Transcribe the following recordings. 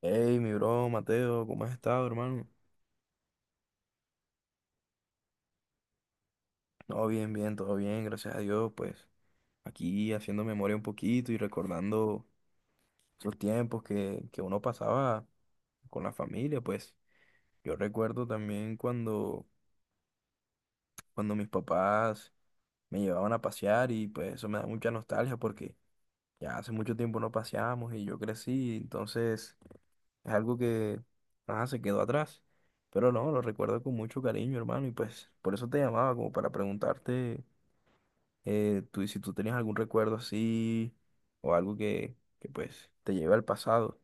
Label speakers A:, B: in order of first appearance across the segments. A: Hey, mi bro, Mateo, ¿cómo has estado, hermano? No, bien, bien, todo bien, gracias a Dios, pues aquí haciendo memoria un poquito y recordando esos tiempos que uno pasaba con la familia, pues yo recuerdo también cuando mis papás me llevaban a pasear y pues eso me da mucha nostalgia porque ya hace mucho tiempo no paseamos y yo crecí, entonces es algo que nada, se quedó atrás. Pero no, lo recuerdo con mucho cariño, hermano, y pues por eso te llamaba, como para preguntarte. Tú, si tú tenías algún recuerdo así o algo que pues te lleve al pasado.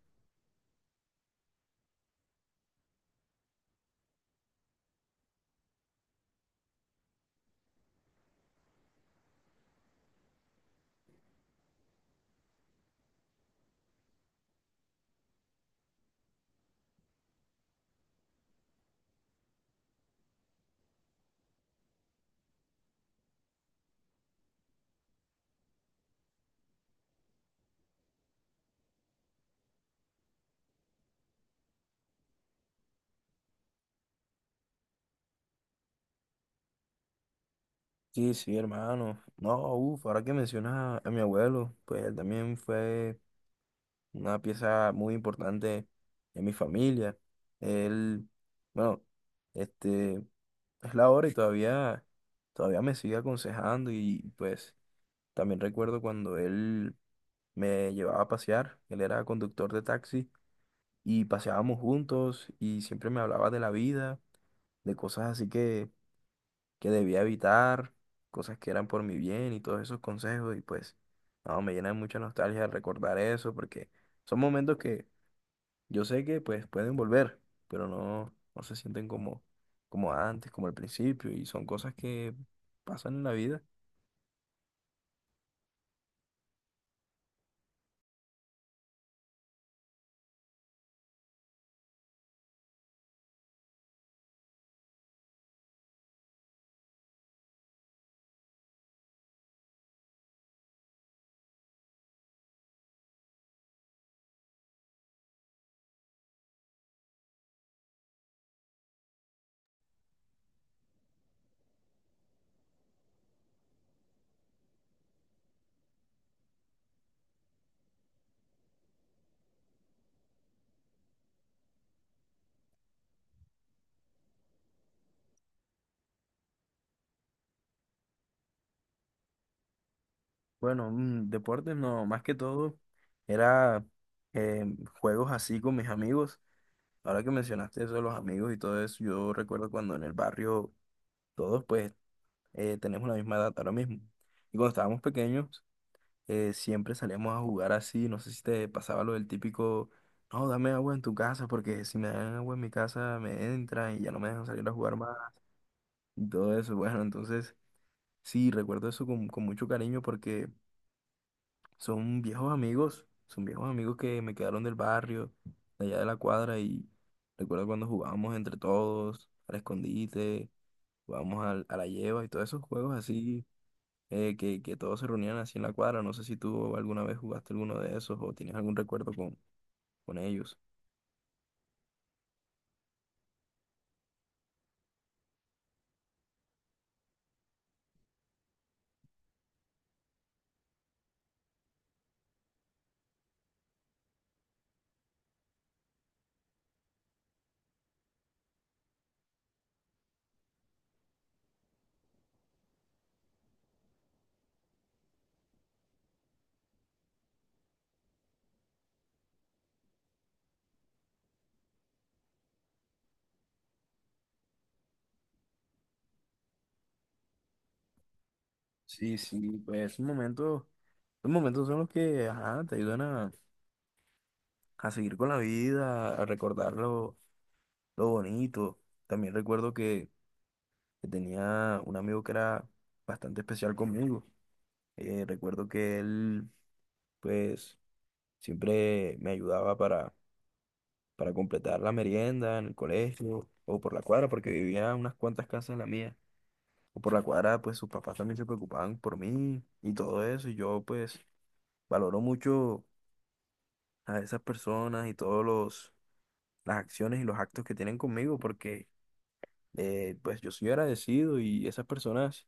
A: Sí, sí, hermano. No, uff, ahora que mencionas a mi abuelo, pues él también fue una pieza muy importante en mi familia. Él, bueno, este, es la hora y todavía me sigue aconsejando y pues también recuerdo cuando él me llevaba a pasear, él era conductor de taxi y paseábamos juntos y siempre me hablaba de la vida, de cosas así que debía evitar, cosas que eran por mi bien y todos esos consejos y pues no, me llena de mucha nostalgia recordar eso porque son momentos que yo sé que pues pueden volver, pero no, no se sienten como, como antes, como al principio y son cosas que pasan en la vida. Bueno, deportes no, más que todo era eh, juegos así con mis amigos. Ahora que mencionaste eso de los amigos y todo eso, yo recuerdo cuando en el barrio todos pues tenemos la misma edad ahora mismo. Y cuando estábamos pequeños, siempre salíamos a jugar así. No sé si te pasaba lo del típico, no, dame agua en tu casa porque si me dan agua en mi casa me entran y ya no me dejan salir a jugar más. Y todo eso, bueno, entonces sí, recuerdo eso con mucho cariño porque son viejos amigos, son viejos amigos que me quedaron del barrio, de allá de la cuadra, y recuerdo cuando jugábamos entre todos, al escondite, jugábamos a la lleva y todos esos juegos así, que todos se reunían así en la cuadra. No sé si tú alguna vez jugaste alguno de esos o tienes algún recuerdo con ellos. Sí, sí, pues esos momentos son los que, ajá, te ayudan a seguir con la vida, a recordar lo bonito. También recuerdo que tenía un amigo que era bastante especial conmigo. Recuerdo que él, pues, siempre me ayudaba para completar la merienda en el colegio o por la cuadra, porque vivía a unas cuantas casas de la mía. O por la cuadra, pues, sus papás también se preocupaban por mí y todo eso. Y yo, pues, valoro mucho a esas personas y las acciones y los actos que tienen conmigo, porque pues yo soy agradecido y esas personas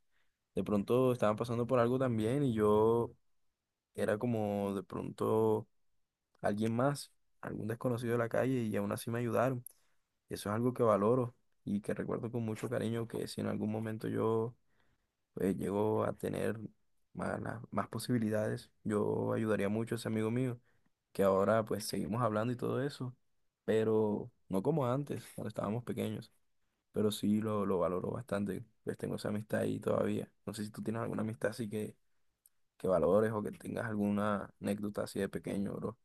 A: de pronto estaban pasando por algo también y yo era como de pronto alguien más, algún desconocido de la calle y aún así me ayudaron. Eso es algo que valoro y que recuerdo con mucho cariño que si en algún momento yo pues, llego a tener más posibilidades, yo ayudaría mucho a ese amigo mío, que ahora pues seguimos hablando y todo eso, pero no como antes, cuando estábamos pequeños, pero sí lo valoro bastante, pues tengo esa amistad ahí todavía. No sé si tú tienes alguna amistad así que valores o que tengas alguna anécdota así de pequeño, bro.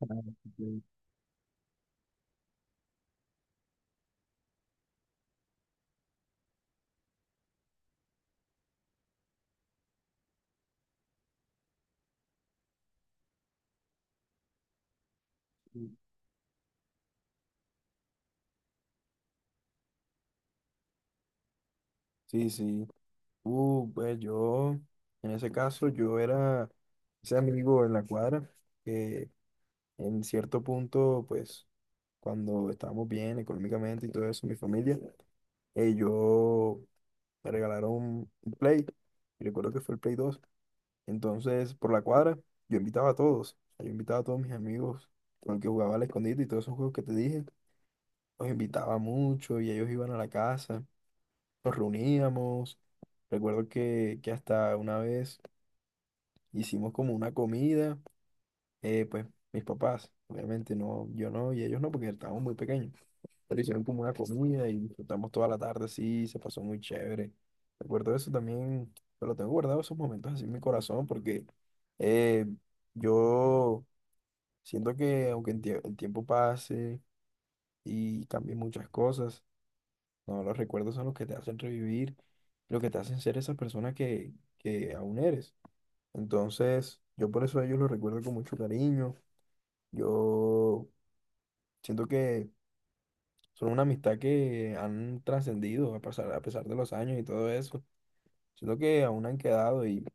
A: Ah, ok. Sí, sí, sí. Pues yo, en ese caso, yo era ese amigo en la cuadra que en cierto punto, pues, cuando estábamos bien económicamente y todo eso, mi familia, yo me regalaron un Play. Y recuerdo que fue el Play dos. Entonces, por la cuadra, yo invitaba a todos. O sea, yo invitaba a todos mis amigos con el que jugaba al escondite y todos esos juegos que te dije. Los invitaba mucho y ellos iban a la casa. Nos reuníamos. Recuerdo que hasta una vez hicimos como una comida. Pues mis papás, obviamente no, yo no y ellos no porque estábamos muy pequeños. Pero hicieron como una comida y disfrutamos toda la tarde, sí, se pasó muy chévere. Recuerdo eso también, pero tengo guardado esos momentos así en mi corazón porque eh, yo siento que aunque el tiempo pase y cambie muchas cosas, no, los recuerdos son los que te hacen revivir, lo que te hacen ser esa persona que aún eres. Entonces, yo por eso a ellos los recuerdo con mucho cariño. Yo siento que son una amistad que han trascendido a pesar de los años y todo eso. Siento que aún han quedado y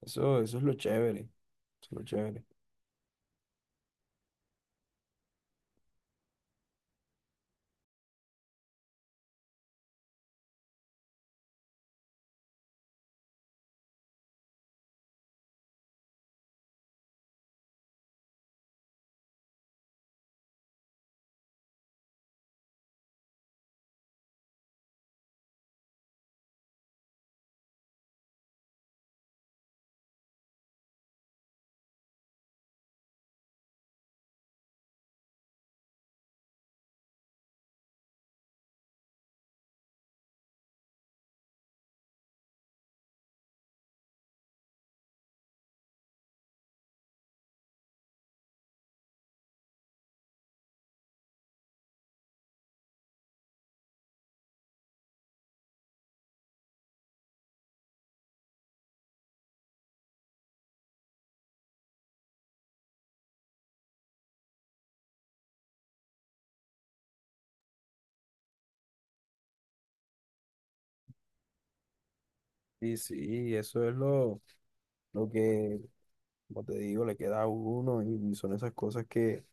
A: eso es lo chévere. Eso es lo chévere. Y sí, eso es lo que, como te digo, le queda a uno y son esas cosas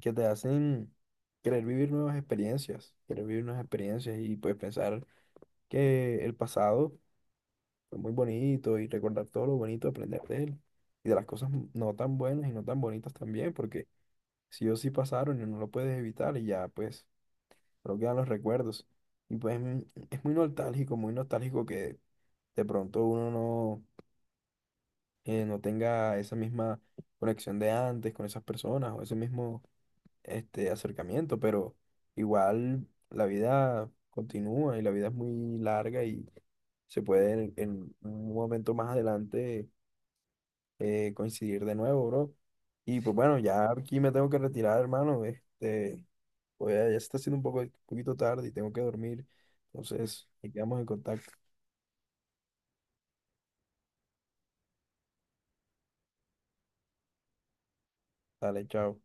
A: que te hacen querer vivir nuevas experiencias, querer vivir nuevas experiencias y pues pensar que el pasado fue muy bonito y recordar todo lo bonito, aprender de él y de las cosas no tan buenas y no tan bonitas también, porque sí o sí pasaron y no lo puedes evitar y ya, pues, pero quedan los recuerdos. Y pues es muy nostálgico que de pronto uno no, no tenga esa misma conexión de antes con esas personas o ese mismo este, acercamiento, pero igual la vida continúa y la vida es muy larga y se puede en un momento más adelante coincidir de nuevo, bro. Y pues bueno, ya aquí me tengo que retirar, hermano. Este, pues ya, ya se está haciendo un poquito tarde y tengo que dormir. Entonces, ahí quedamos en contacto. Dale, chao.